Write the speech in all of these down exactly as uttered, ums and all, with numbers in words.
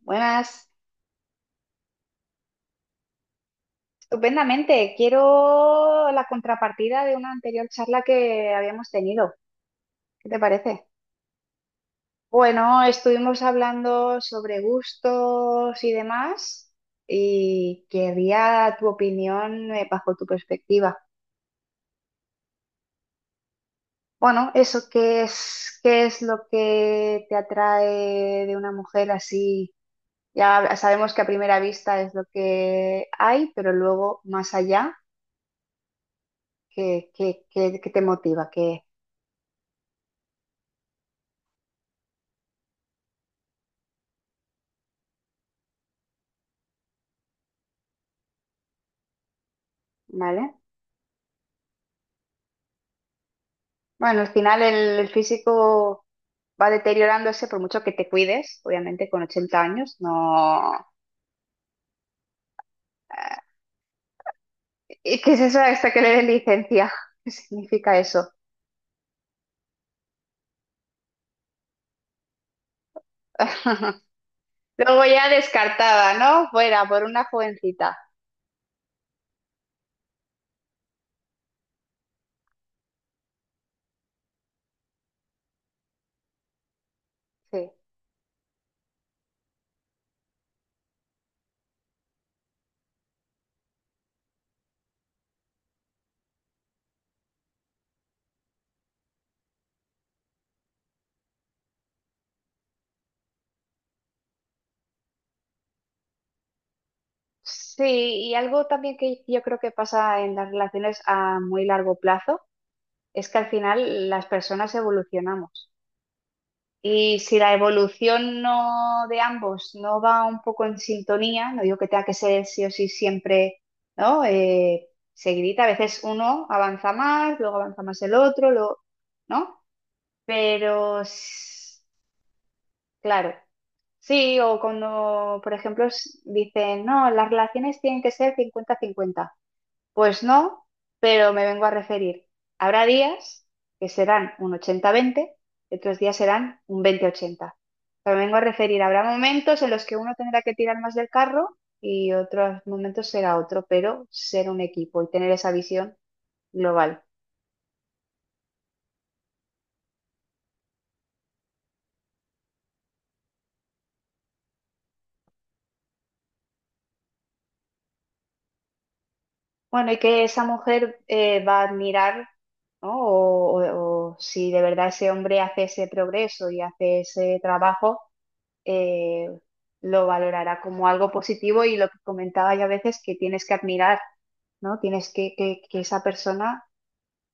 Buenas, estupendamente. Quiero la contrapartida de una anterior charla que habíamos tenido. ¿Qué te parece? Bueno, estuvimos hablando sobre gustos y demás y quería tu opinión, eh, bajo tu perspectiva. Bueno, eso, ¿qué es, qué es lo que te atrae de una mujer así? Ya sabemos que a primera vista es lo que hay, pero luego más allá, ¿qué, qué- qué- qué te motiva? ¿Qué, ¿vale? Bueno, al final el, el físico va deteriorándose por mucho que te cuides, obviamente con ochenta años, no... eh, ¿Y qué es eso hasta que le den licencia? ¿Qué significa eso? Luego ya descartada, ¿no? Fuera, por una jovencita. Sí. Sí, y algo también que yo creo que pasa en las relaciones a muy largo plazo es que al final las personas evolucionamos. Y si la evolución no de ambos no va un poco en sintonía, no digo que tenga que ser sí o sí siempre, ¿no? Eh, seguidita, a veces uno avanza más, luego avanza más el otro, luego, ¿no? Pero s- claro, sí, o cuando, por ejemplo, s- dicen, no, las relaciones tienen que ser cincuenta cincuenta, pues no, pero me vengo a referir. Habrá días que serán un ochenta veinte, y otros días serán un veinte ochenta. Pero me vengo a referir, habrá momentos en los que uno tendrá que tirar más del carro y otros momentos será otro, pero ser un equipo y tener esa visión global. Bueno, y que esa mujer, eh, va a admirar, ¿no? O, o- o si de verdad ese hombre hace ese progreso y hace ese trabajo, eh, lo valorará como algo positivo. Y lo que comentaba, ya a veces que tienes que admirar, ¿no? Tienes que, que, que esa persona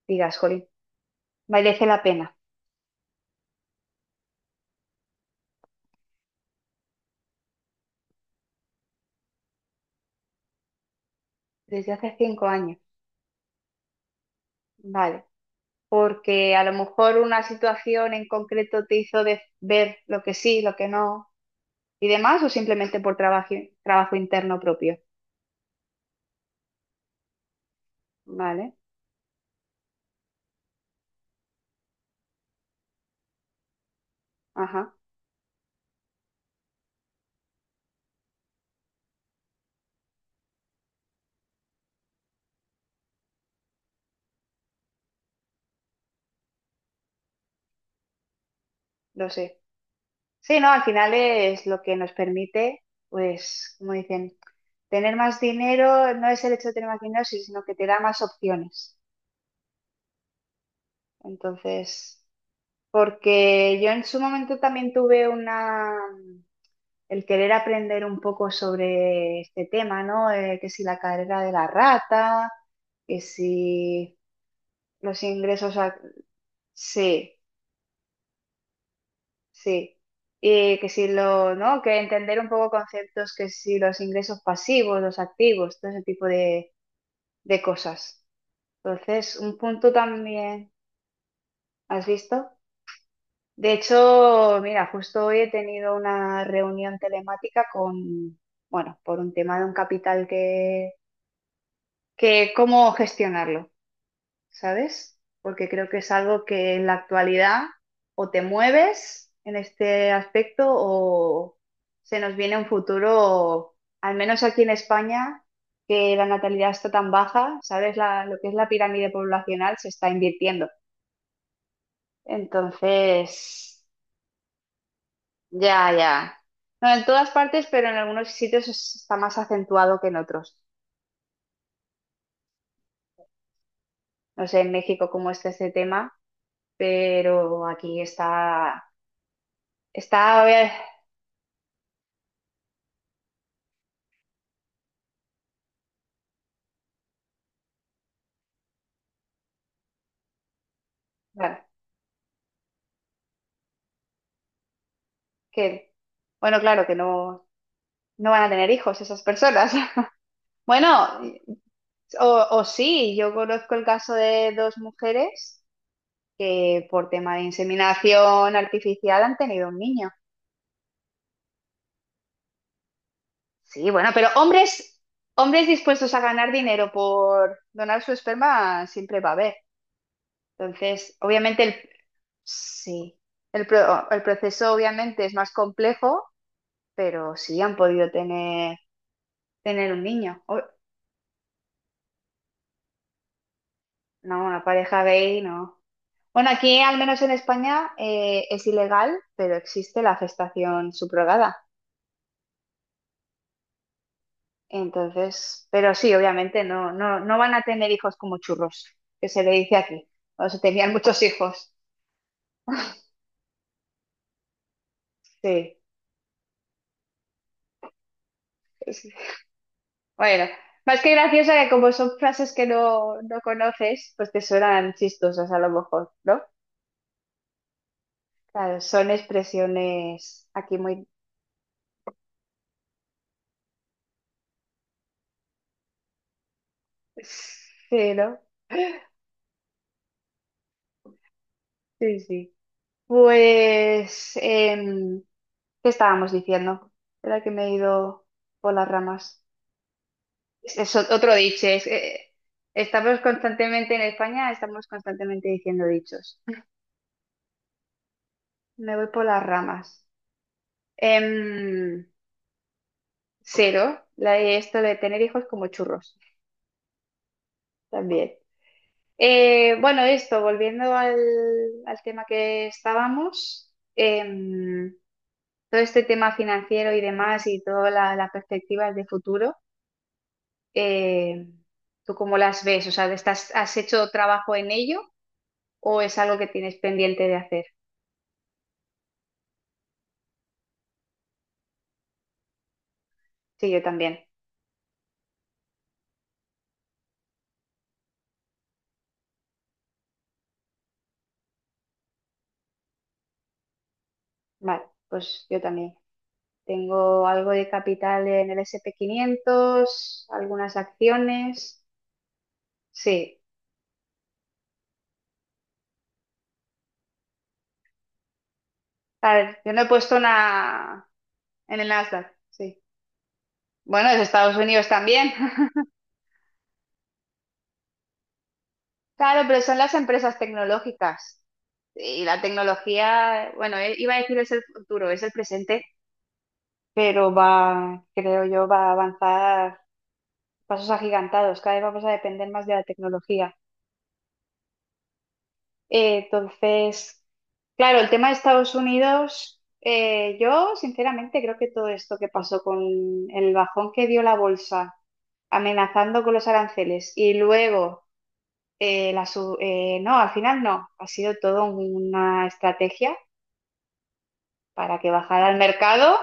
digas, jolín, merece la pena, desde hace cinco años, vale, porque a lo mejor una situación en concreto te hizo de- ver lo que sí, lo que no y demás, o simplemente por trabajo, trabajo interno propio, vale, ajá, lo sé. Sí, no, al final es lo que nos permite, pues, como dicen, tener más dinero no es el hecho de tener más dinero, sí, sino que te da más opciones. Entonces, porque yo en su momento también tuve una, el querer aprender un poco sobre este tema, ¿no? Eh, que si la carrera de la rata, que si los ingresos, a- sí. Sí, y que si lo, ¿no? Que entender un poco conceptos, que si los ingresos pasivos, los activos, todo ese tipo de, de cosas. Entonces, un punto también, ¿has visto? De hecho, mira, justo hoy he tenido una reunión telemática con, bueno, por un tema de un capital que, que cómo gestionarlo. ¿Sabes? Porque creo que es algo que en la actualidad o te mueves en este aspecto o se nos viene un futuro, al menos aquí en España, que la natalidad está tan baja, ¿sabes? La- lo que es la pirámide poblacional se está invirtiendo. Entonces, ya, ya. No, en todas partes, pero en algunos sitios es- está más acentuado que en otros. No sé en México cómo está este tema, pero aquí está, está, a ver, que, bueno, claro, que no, no van a tener hijos esas personas. Bueno, o, o sí, yo conozco el caso de dos mujeres que por tema de inseminación artificial han tenido un niño. Sí, bueno, pero hombres, hombres dispuestos a ganar dinero por donar su esperma siempre va a haber. Entonces, obviamente, el, sí, el, pro- el proceso obviamente es más complejo, pero sí han podido tener, tener un niño. O- No, una pareja gay, no. Bueno, aquí al menos en España, eh, es ilegal, pero existe la gestación subrogada. Entonces, pero sí, obviamente no, no, no van a tener hijos como churros, que se le dice aquí. O se tenían muchos hijos. Sí. Sí. Bueno, más que graciosa, que como son frases que no, no conoces, pues te suenan chistosas a lo mejor, ¿no? Claro, son expresiones aquí muy... Sí, ¿no? Sí, sí. Pues... em, ¿qué estábamos diciendo? Era que me he ido por las ramas. Es, es otro dicho, es, eh, estamos constantemente en España, estamos constantemente diciendo dichos. Me voy por las ramas. Em, cero, la, de esto de tener hijos como churros, también. Eh, bueno, esto, volviendo al, al tema que estábamos, em, todo este tema financiero y demás y todas las perspectivas de futuro. eh, ¿Tú cómo las ves? O sea, ¿estás, ¿has hecho trabajo en ello o es algo que tienes pendiente de hacer? Sí, yo también. Vale, pues yo también. Tengo algo de capital en el S and p quinientos, algunas acciones. Sí. A ver, yo no he puesto una en el Nasdaq. Sí. Bueno, es Estados Unidos también. Claro, pero son las empresas tecnológicas. Y la tecnología, bueno, eh, iba a decir es el futuro, es el presente, pero va, creo yo, va a avanzar pasos agigantados. Cada vez vamos a depender más de la tecnología. Eh, entonces, claro, el tema de Estados Unidos, eh, yo sinceramente creo que todo esto que pasó con el bajón que dio la bolsa, amenazando con los aranceles y luego, eh, la su- eh, no, al final no, ha sido todo una estrategia para que bajara el mercado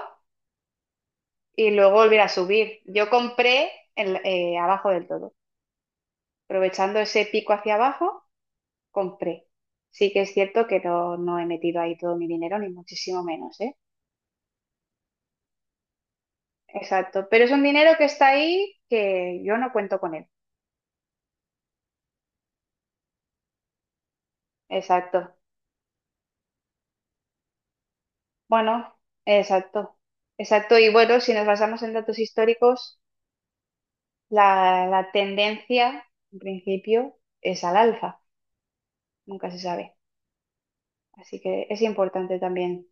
y luego volviera a subir. Yo compré el, eh, abajo del todo. Aprovechando ese pico hacia abajo, compré. Sí que es cierto que no, no he metido ahí todo mi dinero, ni muchísimo menos, ¿eh? Exacto. Pero es un dinero que está ahí que yo no cuento con él. Exacto. Bueno, exacto. Exacto. Y bueno, si nos basamos en datos históricos, la, la tendencia, en principio, es al alza. Nunca se sabe. Así que es importante también.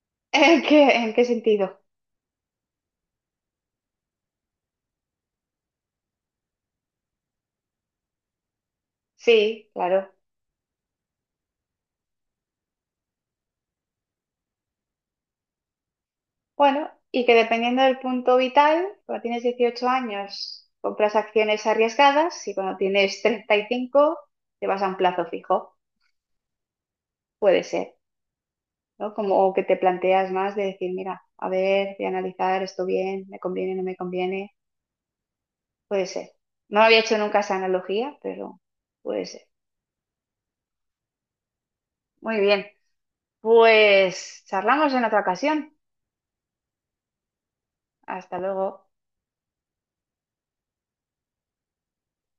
¿En qué, en qué sentido? Sí, claro. Bueno, y que dependiendo del punto vital, cuando tienes dieciocho años, compras acciones arriesgadas, y cuando tienes treinta y cinco, te vas a un plazo fijo. Puede ser, ¿no? Como o que te planteas más de decir, mira, a ver, voy a analizar esto bien, me conviene, no me conviene. Puede ser. No había hecho nunca esa analogía, pero puede ser. Muy bien. Pues charlamos en otra ocasión. Hasta luego.